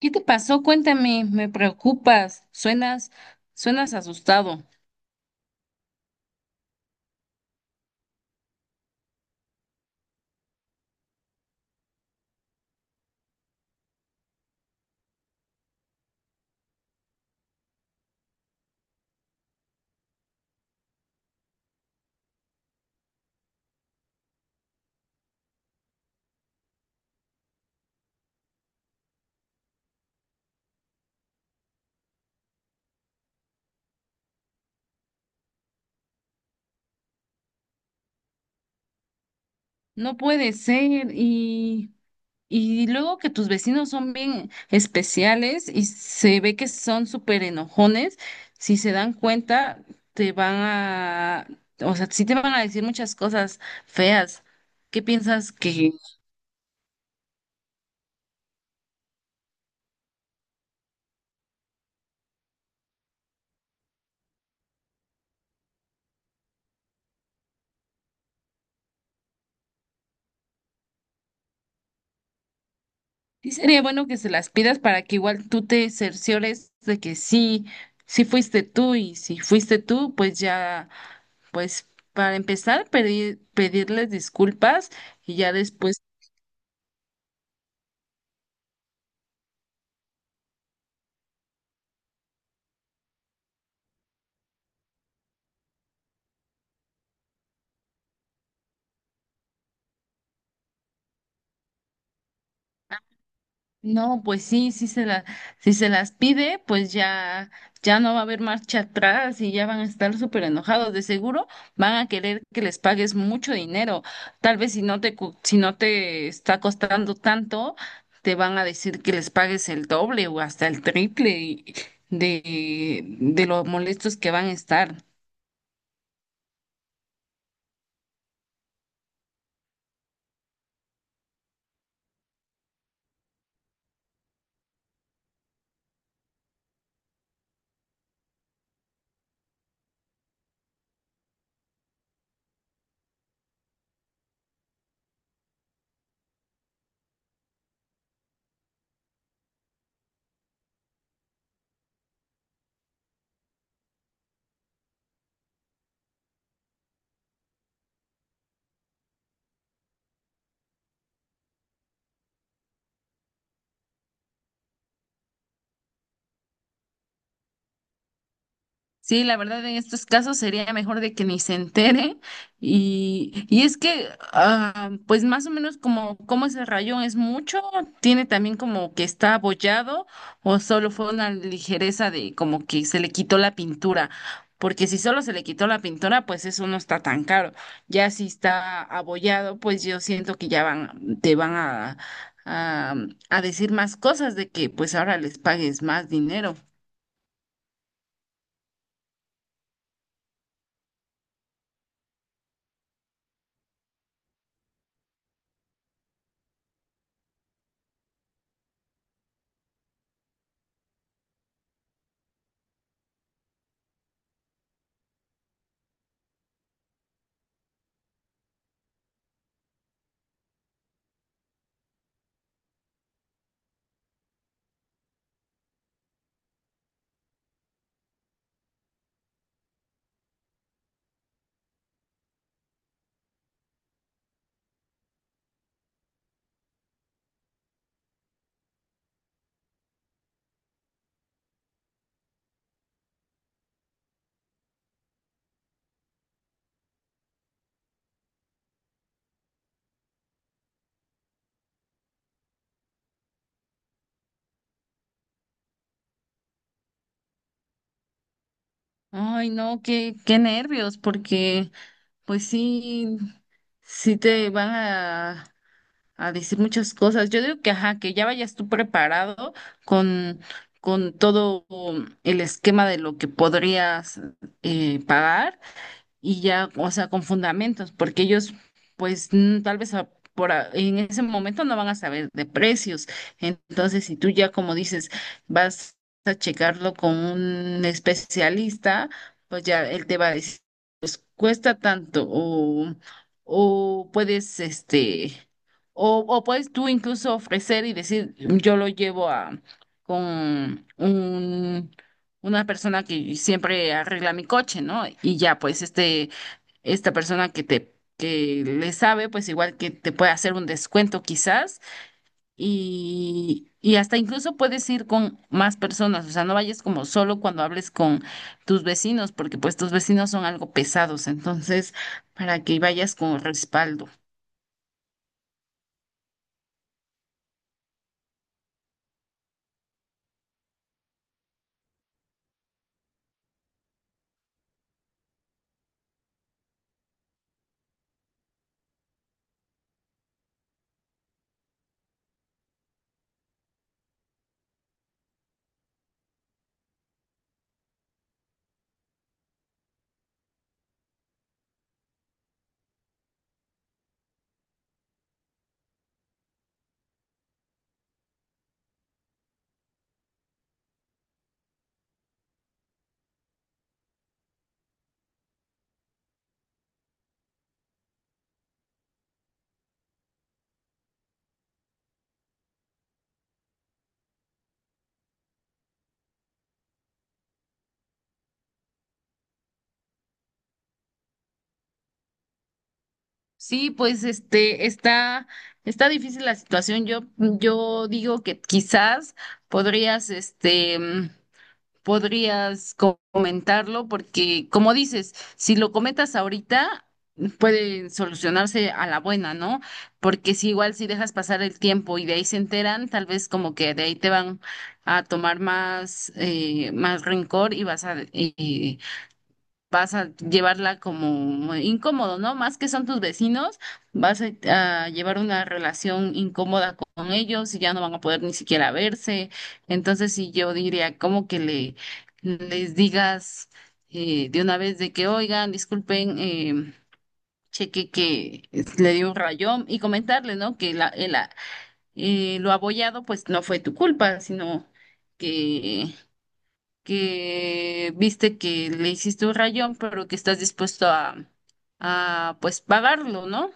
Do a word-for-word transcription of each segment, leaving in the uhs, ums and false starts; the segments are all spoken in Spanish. ¿Qué te pasó? Cuéntame, me preocupas, suenas, suenas asustado. No puede ser, y, y luego que tus vecinos son bien especiales y se ve que son súper enojones, si se dan cuenta, te van a, o sea, sí te van a decir muchas cosas feas. ¿Qué piensas que Sí, sería bueno que se las pidas para que igual tú te cerciores de que sí, sí fuiste tú y si fuiste tú, pues ya, pues para empezar, pedir, pedirles disculpas y ya después No, pues sí, sí se la, si se las pide, pues ya, ya no va a haber marcha atrás y ya van a estar súper enojados. De seguro van a querer que les pagues mucho dinero. Tal vez si no te, cu- si no te está costando tanto, te van a decir que les pagues el doble o hasta el triple y- de, de lo molestos que van a estar. Sí, la verdad en estos casos sería mejor de que ni se entere y, y es que ah, pues más o menos como como ese rayón es mucho, tiene también como que está abollado o solo fue una ligereza de como que se le quitó la pintura, porque si solo se le quitó la pintura pues eso no está tan caro, ya si está abollado pues yo siento que ya van te van a, a a decir más cosas de que pues ahora les pagues más dinero. Ay, no, qué, qué nervios, porque pues sí, sí te van a, a decir muchas cosas. Yo digo que, ajá, que ya vayas tú preparado con, con todo el esquema de lo que podrías eh, pagar y ya, o sea, con fundamentos, porque ellos, pues, mm, tal vez a- por, a- en ese momento no van a saber de precios. Entonces, si tú ya, como dices, vas a checarlo con un especialista, pues ya él te va a decir, cuesta tanto o, o puedes, este, o, o puedes tú incluso ofrecer y decir, yo lo llevo a, con un... una persona que siempre arregla mi coche, ¿no? Y ya, pues este, esta persona que te que le sabe, pues igual que te puede hacer un descuento quizás y, y hasta incluso puedes ir con más personas, o sea, no vayas como solo cuando hables con tus vecinos, porque pues tus vecinos son algo pesados, entonces para que vayas con respaldo. Sí, pues este está está difícil la situación. Yo yo digo que quizás podrías este podrías co- comentarlo porque, como dices, si lo comentas ahorita, pueden solucionarse a la buena, ¿no? Porque si igual si dejas pasar el tiempo y de ahí se enteran, tal vez como que de ahí te van a tomar más, eh, más rencor y vas a, eh, vas a llevarla como incómodo, ¿no? Más que son tus vecinos, vas a, a llevar una relación incómoda con ellos y ya no van a poder ni siquiera verse. Entonces, sí, yo diría como que le, les digas eh, de una vez de que, oigan, disculpen, eh, cheque que es- le dio un rayón y comentarle, ¿no? Que la, el a- eh, lo abollado, pues no fue tu culpa, sino... que que viste que le hiciste un rayón, pero que estás dispuesto a, a pues pagarlo, ¿no?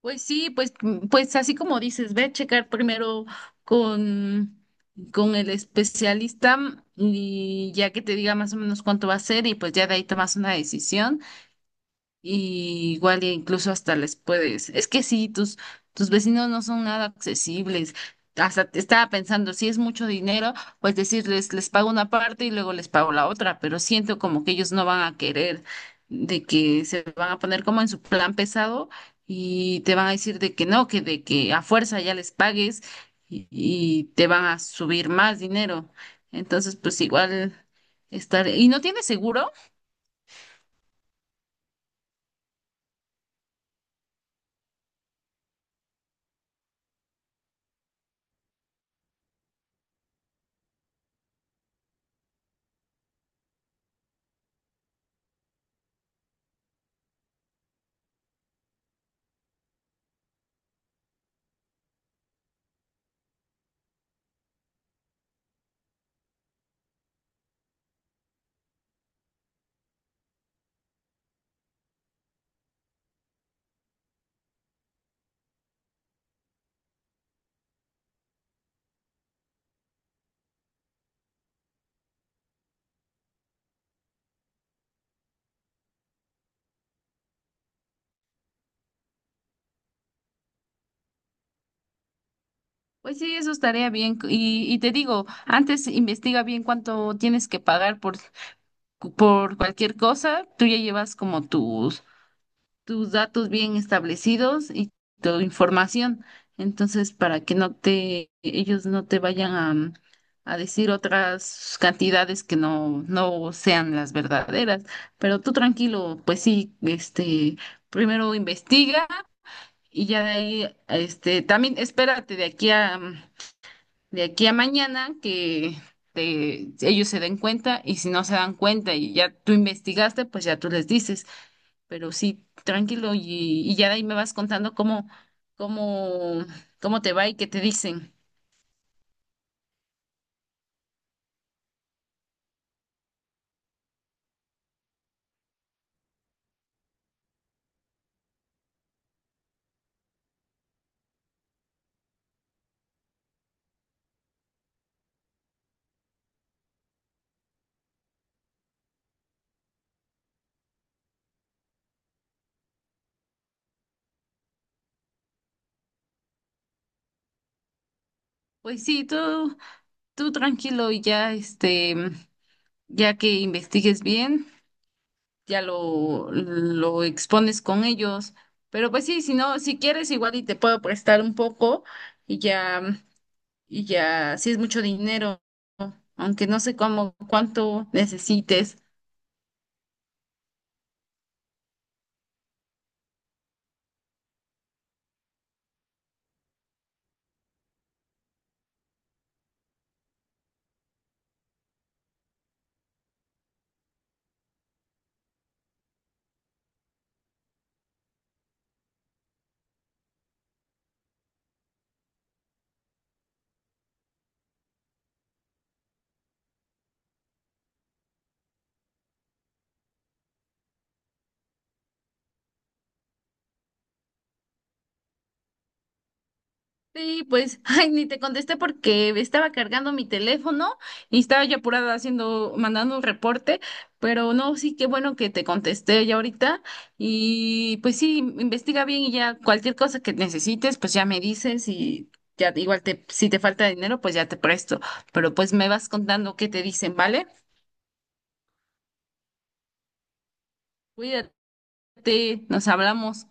Pues sí, pues, mm, pues así como dices, ve a checar primero con, con el especialista y ya que te diga más o menos cuánto va a ser y pues ya de ahí tomas una decisión. Y igual e incluso hasta les puedes. Es que sí, tus, tus vecinos no son nada accesibles. Hasta te estaba pensando, si es mucho dinero, pues decirles, les pago una parte y luego les pago la otra, pero siento como que ellos no van a querer, de que se van a poner como en su plan pesado y te van a decir de que no, que de que a fuerza ya les pagues y, y te van a subir más dinero. Entonces, pues igual estar. ¿Y no tienes seguro? Pues sí, eso estaría bien. Y, y te digo, antes investiga bien cuánto tienes que pagar por, por cualquier cosa. Tú ya llevas como tus, tus datos bien establecidos y tu información. Entonces, para que no te, ellos no te vayan a, mm, a decir otras cantidades que no, no sean las verdaderas. Pero tú tranquilo, pues sí, este, primero investiga y ya de ahí, este, también espérate de aquí a mm, de aquí a mañana que te- ellos se den cuenta y si no se dan cuenta y ya tú investigaste, pues ya tú les dices, pero sí, tranquilo y, y ya de ahí me vas contando cómo, cómo, cómo te va y qué te dicen. Pues sí, tú, tú tranquilo y ya este, ya que investigues bien, ya lo, lo expones con ellos. Pero pues sí, si no, si quieres igual y te puedo prestar un poco y ya. Y ya, sí es mucho dinero, aunque no sé cómo, cuánto necesites. Sí, pues, ay, ni te contesté porque estaba cargando mi teléfono y estaba yo apurada haciendo, mandando un reporte, pero no, sí, qué bueno que te contesté ya ahorita y pues sí, investiga bien y ya cualquier cosa que necesites, pues ya me dices y ya igual te, si te falta dinero, pues ya te presto, pero pues me vas contando qué te dicen, ¿vale? Cuídate, nos hablamos.